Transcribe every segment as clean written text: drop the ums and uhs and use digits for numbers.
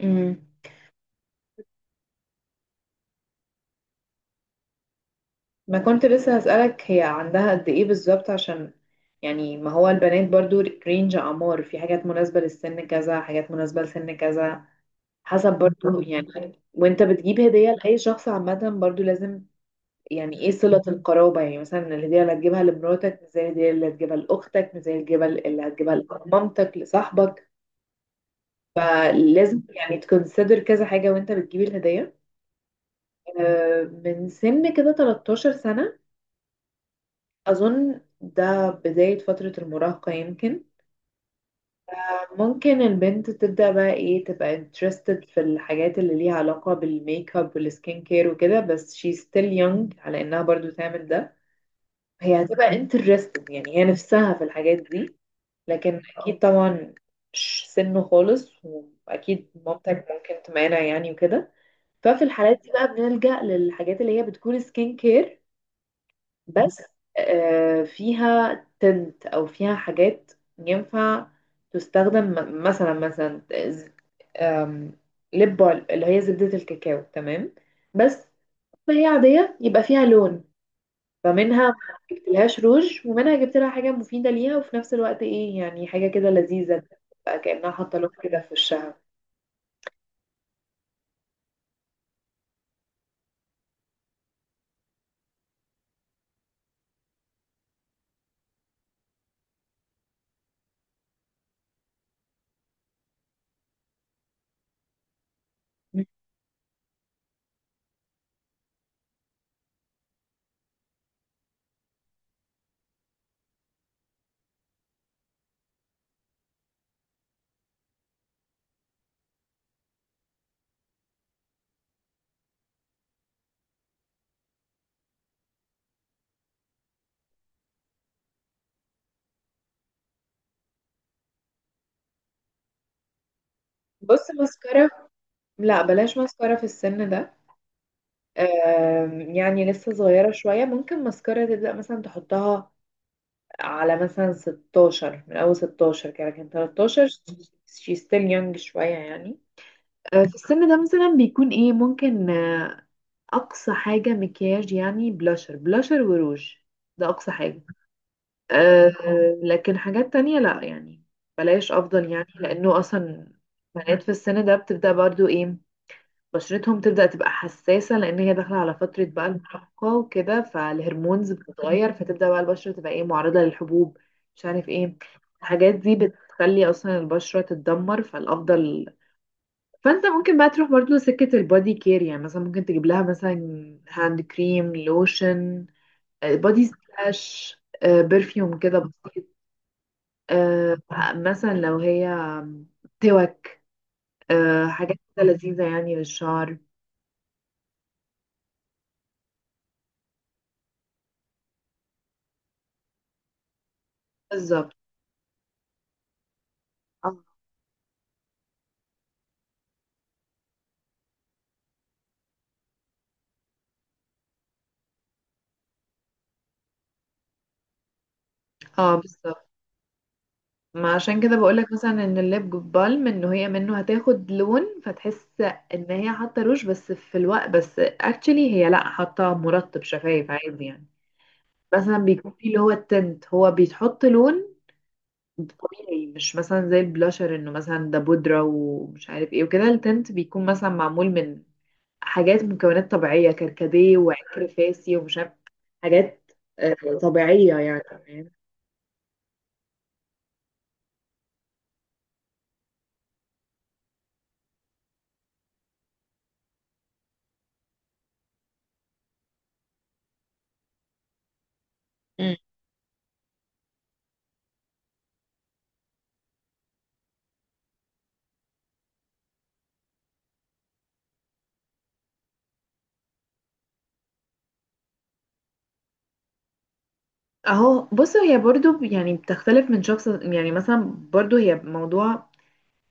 امم ما كنت لسه هسألك هي عندها قد ايه بالظبط؟ عشان يعني ما هو البنات برضو رينج اعمار، في حاجات مناسبة للسن كذا، حاجات مناسبة لسن كذا، حسب برضو. يعني وانت بتجيب هدية لأي شخص عامة برضو لازم يعني ايه صلة القرابة. يعني مثلا الهدية اللي هتجيبها لمراتك مش زي الهدية اللي هتجيبها لأختك، مش زي الهدية اللي هتجيبها لمامتك، لصاحبك. فلازم يعني تكونسيدر كذا حاجة وانت بتجيب الهدية. من سن كده 13 سنة أظن ده بداية فترة المراهقة يمكن. ممكن البنت تبدأ بقى ايه، تبقى interested في الحاجات اللي ليها علاقة بالميك اب والسكين كير وكده، بس she still young على انها برضو تعمل ده. هي هتبقى interested يعني هي نفسها في الحاجات دي، لكن اكيد طبعا مش سنه خالص، واكيد مامتك ممكن تمانع يعني وكده. ففي الحالات دي بقى بنلجأ للحاجات اللي هي بتكون سكين كير بس، فيها تنت او فيها حاجات ينفع تستخدم مثلا ز- آم، لب اللي هي زبدة الكاكاو، تمام، بس ما هي عادية، يبقى فيها لون. فمنها ما جبتلهاش روج، ومنها جبت لها حاجة مفيدة ليها وفي نفس الوقت ايه يعني حاجة كده لذيذة، بقى كأنها حاطة لون كده في وشها. بص ماسكارا، لا بلاش ماسكارا في السن ده. يعني لسه صغيرة شوية، ممكن ماسكارا تبدأ مثلا تحطها على مثلا 16، من اول 16 كده، لكن 13 she still young شوية يعني. في السن ده مثلا بيكون ايه، ممكن اقصى حاجة مكياج يعني بلاشر، بلاشر وروج، ده اقصى حاجة. آه، لكن حاجات تانية لا يعني، بلاش افضل يعني. لانه اصلا بنات في السن ده بتبدأ برضو ايه، بشرتهم تبدأ تبقى حساسة، لأن هي داخلة على فترة بقى المراهقة وكده، فالهرمونز بتتغير، فتبدأ بقى البشرة تبقى ايه معرضة للحبوب، مش عارف ايه. الحاجات دي بتخلي أصلا البشرة تتدمر، فالأفضل فأنت ممكن بقى تروح برضه سكة البادي كير. يعني مثلا ممكن تجيب لها مثلا هاند كريم، لوشن، بادي سبلاش، برفيوم كده بسيط، آه، مثلا لو هي توك، حاجات كده لذيذة يعني للشعر. بالظبط. اه، بالظبط. ما عشان كده بقولك مثلا ان الليب بالم ان هي منه هتاخد لون، فتحس ان هي حاطه روج، بس في الوقت بس اكشلي هي لا، حاطه مرطب شفايف عادي يعني. مثلا بيكون فيه اللي هو التنت، هو بيتحط لون طبيعي، مش مثلا زي البلاشر انه مثلا ده بودره ومش عارف ايه وكده. التنت بيكون مثلا معمول من حاجات، مكونات طبيعيه، كركديه وعكر فاسي ومش عارف حاجات آه، طبيعيه يعني، فاهم؟ اهو بص هي برضو يعني بتختلف من شخص يعني. مثلا برضو هي موضوع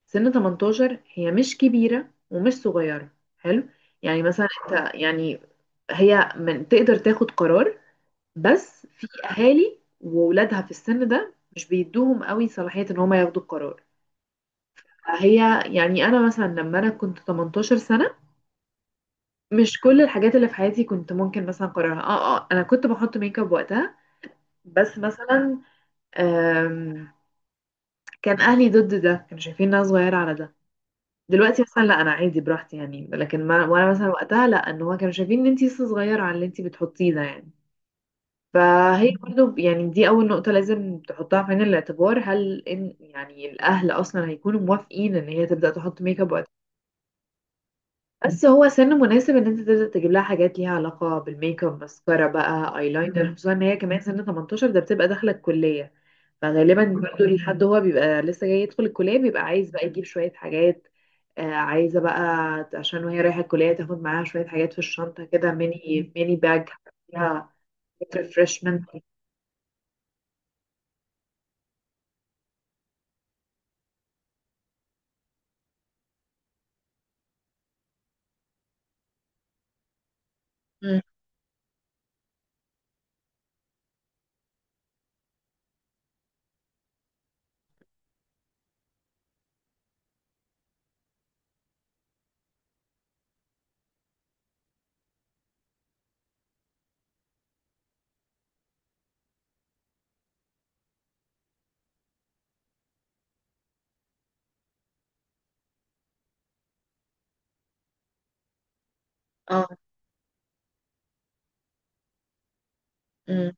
سن 18، هي مش كبيرة ومش صغيرة، حلو. يعني مثلا انت يعني هي من تقدر تاخد قرار، بس في اهالي وولادها في السن ده مش بيدوهم قوي صلاحية ان هما ياخدوا القرار. هي يعني انا مثلا لما انا كنت 18 سنة، مش كل الحاجات اللي في حياتي كنت ممكن مثلا قررها. اه اه، انا كنت بحط ميك اب وقتها، بس مثلا كان اهلي ضد ده، كانوا شايفين إن انا صغيره على ده. دلوقتي مثلا لا، انا عادي براحتي يعني، لكن ما وانا مثلا وقتها لا، ان هو كانوا شايفين ان انتي لسه صغيره على اللي انتي بتحطيه ده يعني. فهي برضو يعني دي اول نقطه لازم تحطها في عين الاعتبار، هل ان يعني الاهل اصلا هيكونوا موافقين ان هي تبدا تحط ميك اب وقتها. بس هو سن مناسب ان انت تبدا تجيب لها حاجات ليها علاقه بالميك اب، ماسكارا بقى، ايلاينر، خصوصا ان هي كمان سن 18 ده بتبقى داخله الكليه. فغالبا برضو الحد هو بيبقى لسه جاي يدخل الكلية بيبقى عايز بقى يجيب شوية حاجات. عايزة بقى عشان وهي رايحة الكلية تاخد معاها شوية حاجات في الشنطة كده، ميني ميني باج فيها ريفرشمنت. اه. مم.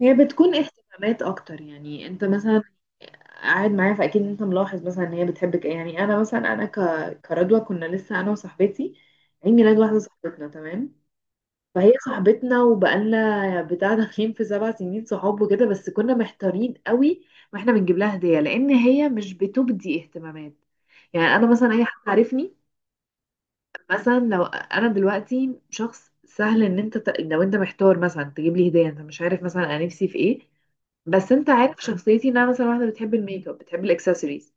هي بتكون اهتمامات اكتر يعني. انت مثلا قاعد معايا فاكيد انت ملاحظ مثلا ان هي بتحبك ايه. يعني انا مثلا انا ك... كردوة كنا لسه انا وصاحبتي، عيد ميلاد واحدة صاحبتنا تمام. فهي صاحبتنا وبقالنا يعني بتاع داخلين في سبع سنين صحاب وكده، بس كنا محتارين قوي واحنا بنجيب لها هدية، لان هي مش بتبدي اهتمامات. يعني انا مثلا اي حد عارفني مثلا، لو انا دلوقتي شخص سهل، ان انت لو انت محتار مثلا تجيب لي هدية، انت مش عارف مثلا انا نفسي في ايه، بس انت عارف شخصيتي ان انا مثلا واحدة بتحب الميك اب، بتحب الاكسسوارز،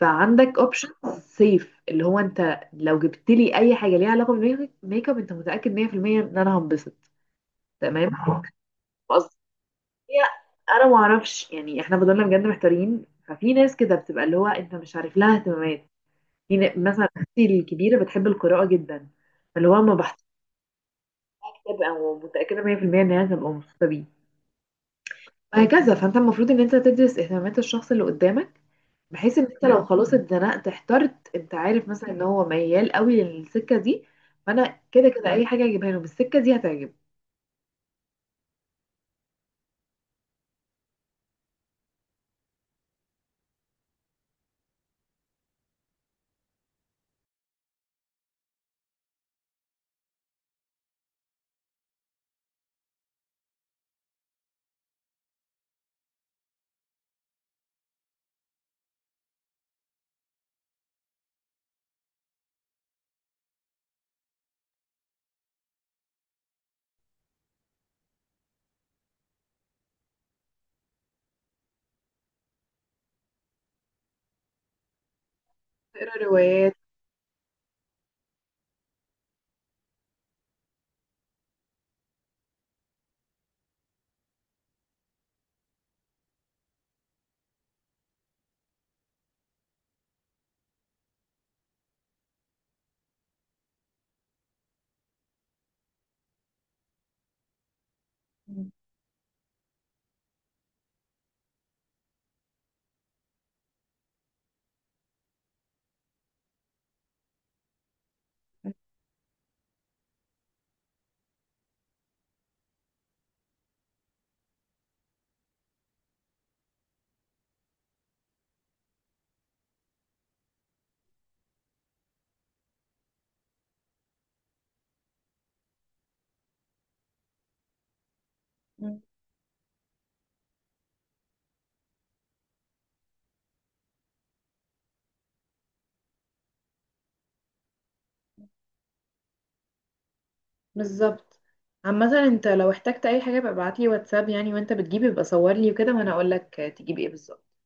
فعندك اوبشن سيف، اللي هو انت لو جبت لي اي حاجة ليها علاقة بالميك اب انت متأكد 100% ان انا هنبسط، تمام. قصدي هي انا ما اعرفش يعني احنا فضلنا بجد محتارين. ففي ناس كده بتبقى اللي هو انت مش عارف لها اهتمامات، في مثلا اختي الكبيره بتحب القراءه جدا، فاللي هو ما بحثش كتاب او متاكده 100% ان هي هتبقى مبسوطه بيه، وهكذا. فانت المفروض ان انت تدرس اهتمامات الشخص اللي قدامك، بحيث ان انت لو خلاص اتزنقت احترت، انت عارف مثلا ان هو ميال قوي للسكه دي، فانا كده كده اي حاجه اجيبها له بالسكه دي هتعجبه. تقرا روايات. بالظبط. عامة انت لو احتجت اي حاجة يبقى ابعتلي واتساب يعني، وانت بتجيبي يبقى صورلي وكده وانا اقولك تجيبي ايه بالظبط.